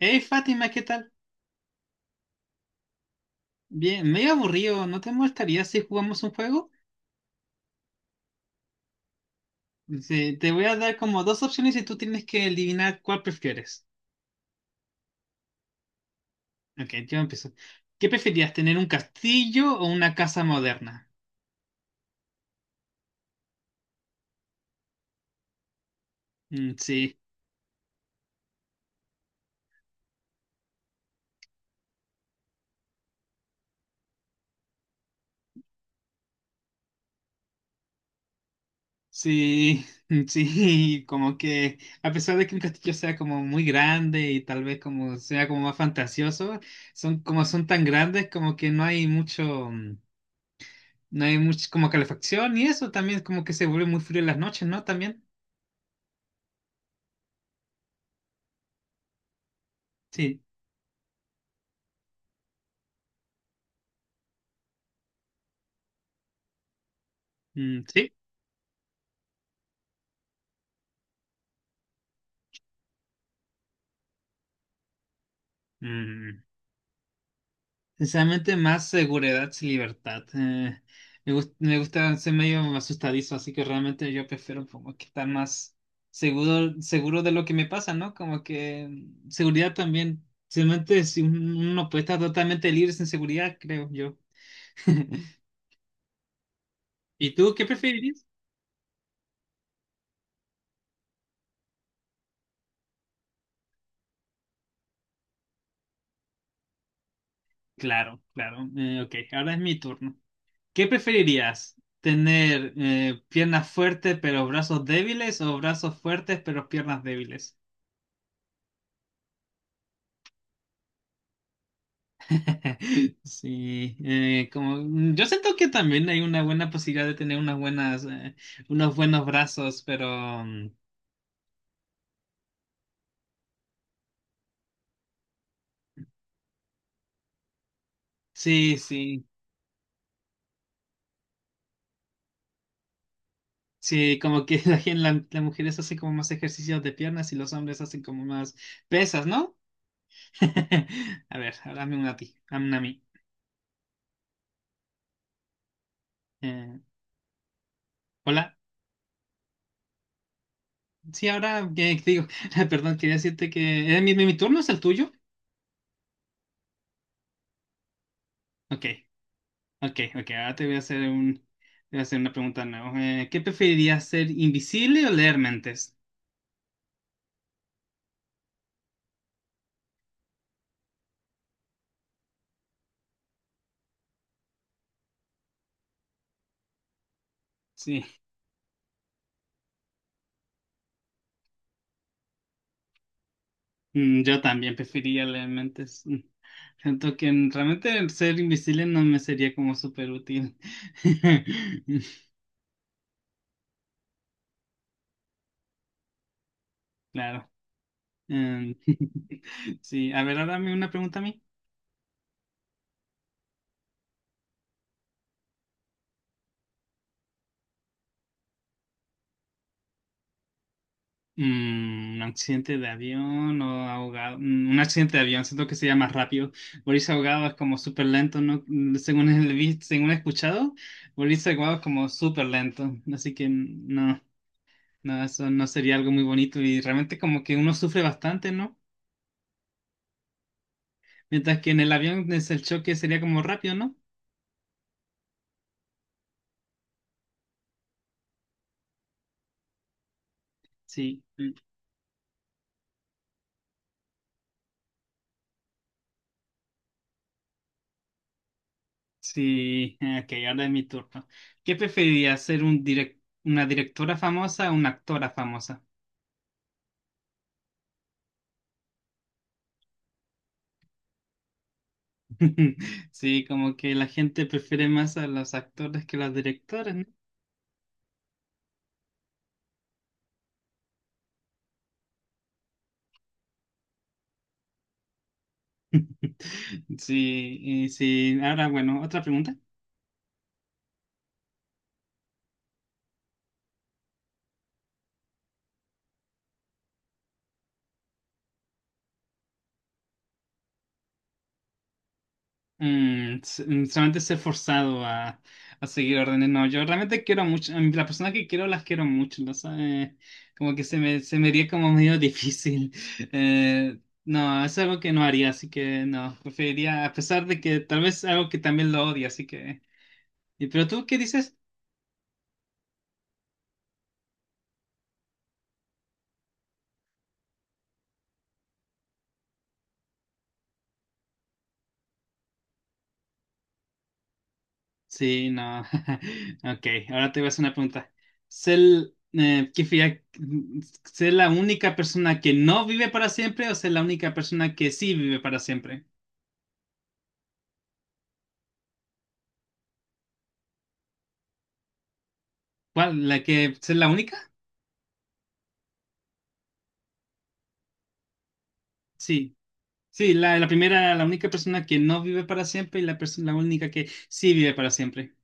Hey Fátima, ¿qué tal? Bien, medio aburrido, ¿no te molestaría si jugamos un juego? Dice, te voy a dar como dos opciones y tú tienes que adivinar cuál prefieres. Ok, yo empiezo. ¿Qué preferías, tener un castillo o una casa moderna? Mm, sí, sí, sí, como que a pesar de que un castillo sea como muy grande y tal vez como sea como más fantasioso, son como son tan grandes como que no hay mucho, no hay mucho como calefacción y eso también como que se vuelve muy frío en las noches, ¿no? También. Sí, sí. Mm, Sinceramente, más seguridad y libertad. Me gusta ser medio asustadizo, así que realmente yo prefiero como que estar más seguro, seguro de lo que me pasa, ¿no? Como que seguridad también. Simplemente si un- uno puede estar totalmente libre sin seguridad, creo yo. ¿Y tú qué preferirías? Claro, claro. Ok, ahora es mi turno. ¿Qué preferirías? ¿Tener piernas fuertes pero brazos débiles o brazos fuertes pero piernas débiles? Sí, como yo siento que también hay una buena posibilidad de tener unas buenas, unos buenos brazos, pero mm. Sí, sí, sí, como que las mujeres hacen como más ejercicios de piernas y los hombres hacen como más pesas, ¿no? A ver, ahora hazme una a ti, hazme una a mí. Eh, hola. Sí, ahora que digo, perdón, quería decirte que mi turno es el tuyo. Ok, ok, ok. Ahora te voy a hacer una pregunta nueva. ¿Qué preferirías ser invisible o leer mentes? Sí, yo también preferiría leer mentes. Siento que realmente el ser invisible no me sería como súper útil. Claro. Em, sí, a ver, ahora me una pregunta a mí. Mm, un accidente de avión o ahogado. Mm, un accidente de avión, siento que sería más rápido. Morirse ahogado es como súper lento, ¿no? Según he visto, según he escuchado, morirse ahogado es como súper lento. Así que no, no, eso no sería algo muy bonito y realmente como que uno sufre bastante, ¿no? Mientras que en el avión es el choque sería como rápido, ¿no? Sí, sí. Ok, ahora es mi turno. ¿Qué preferirías, ser una directora famosa o una actora famosa? Sí, como que la gente prefiere más a los actores que a los directores, ¿no? Sí, y sí. Ahora, bueno, otra pregunta. Solamente a seguir órdenes. No, yo realmente quiero mucho, a mí las personas que quiero las quiero mucho, ¿no? ¿Sabes? Como que se me haría como medio difícil. Eh, no, es algo que no haría, así que no, preferiría, a pesar de que tal vez algo que también lo odia, así que... ¿Y pero tú qué dices? Sí, no. Ok, ahora te voy a hacer una pregunta. ¿Sé, el- qué fía- ¿sé la única persona que no vive para siempre o ser la única persona que sí vive para siempre? ¿Cuál? ¿La que ser la única? Sí. Sí, la primera, la única persona que no vive para siempre y la única que sí vive para siempre.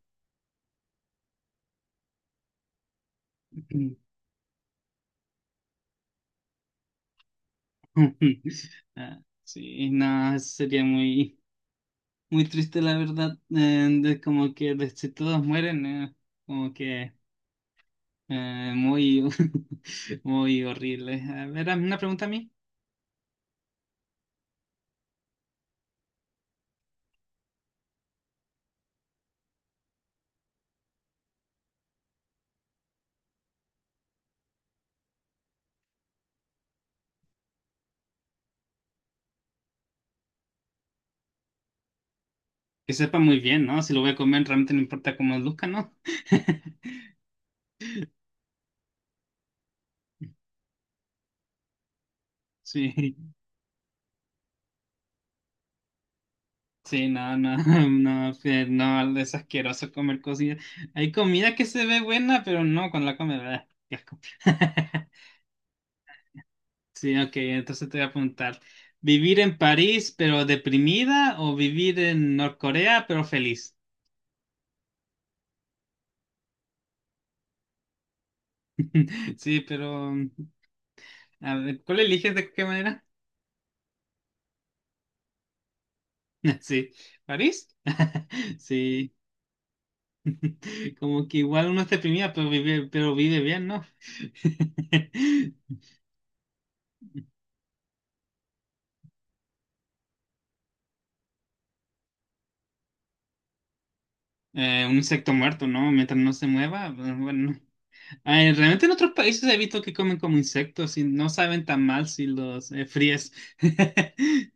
Ah, sí, no, sería muy, muy triste la verdad, de como que si todos mueren, como que... muy, muy horrible. A ver, una pregunta a mí. Que sepa muy bien, ¿no? Si lo voy a comer, realmente no importa cómo luzca, ¿no? Sí, sí, no, no, no, sí, no, es asqueroso comer cosas. Hay comida que se ve buena, pero no, cuando la comes, ah, qué asco. Sí, ok, entonces te voy a preguntar, ¿vivir en París pero deprimida o vivir en Norcorea pero feliz? Sí, pero, a ver, ¿cuál eliges de qué manera? Sí, ¿París? Sí, como que igual uno está deprimida, pero vive bien, ¿no? Un insecto muerto, ¿no? Mientras no se mueva, pues, bueno. Ay, realmente en otros países he visto que comen como insectos y no saben tan mal si los fríes.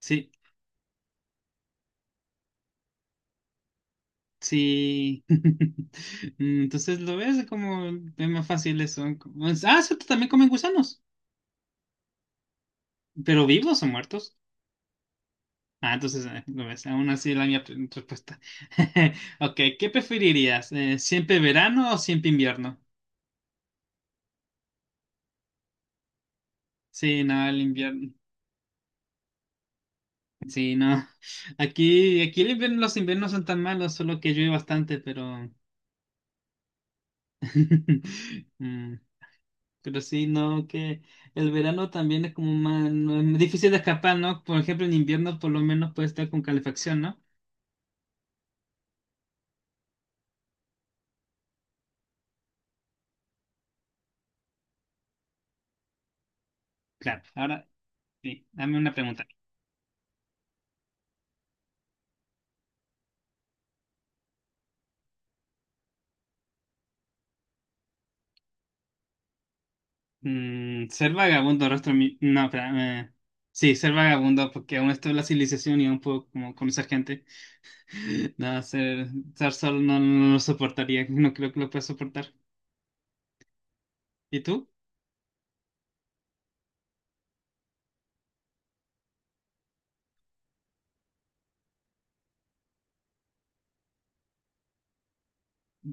Sí, sí. Entonces lo ves como es más fácil eso. Como- es- Ah, cierto, también comen gusanos, pero vivos o muertos. Ah, entonces, no ves, aún así la mía respuesta. Ok, ¿qué preferirías? ¿Siempre verano o siempre invierno? Sí, no, el invierno. Sí, no. Aquí, aquí el invierno, los inviernos son tan malos, solo que llueve bastante, pero. Mm, Pero sí, no, que el verano también es como más, no, es difícil de escapar, ¿no? Por ejemplo, en invierno por lo menos puede estar con calefacción, ¿no? Claro, ahora sí, dame una pregunta. Mm, ser vagabundo rastro mi... No, espera. eh, Sí, ser vagabundo porque aún está la civilización y aún puedo como conocer gente. No, estar solo no, no lo soportaría. No creo que lo pueda soportar. ¿Y tú?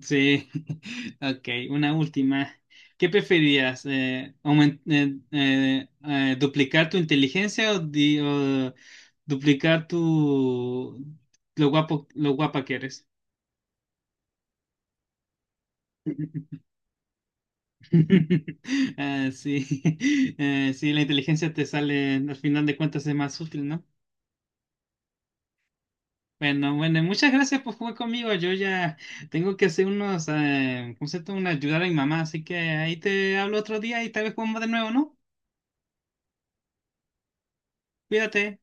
Sí. Ok, una última. ¿Qué preferirías? ¿Duplicar tu inteligencia o, duplicar tu... lo guapa que eres? Ah, sí, sí, la inteligencia te sale, al final de cuentas es más útil, ¿no? Bueno, bueno, muchas gracias por jugar conmigo. Yo ya tengo que hacer unos, ¿cómo se llama? Una ayudar a mi mamá, así que ahí te hablo otro día y tal vez jugamos de nuevo, ¿no? Cuídate.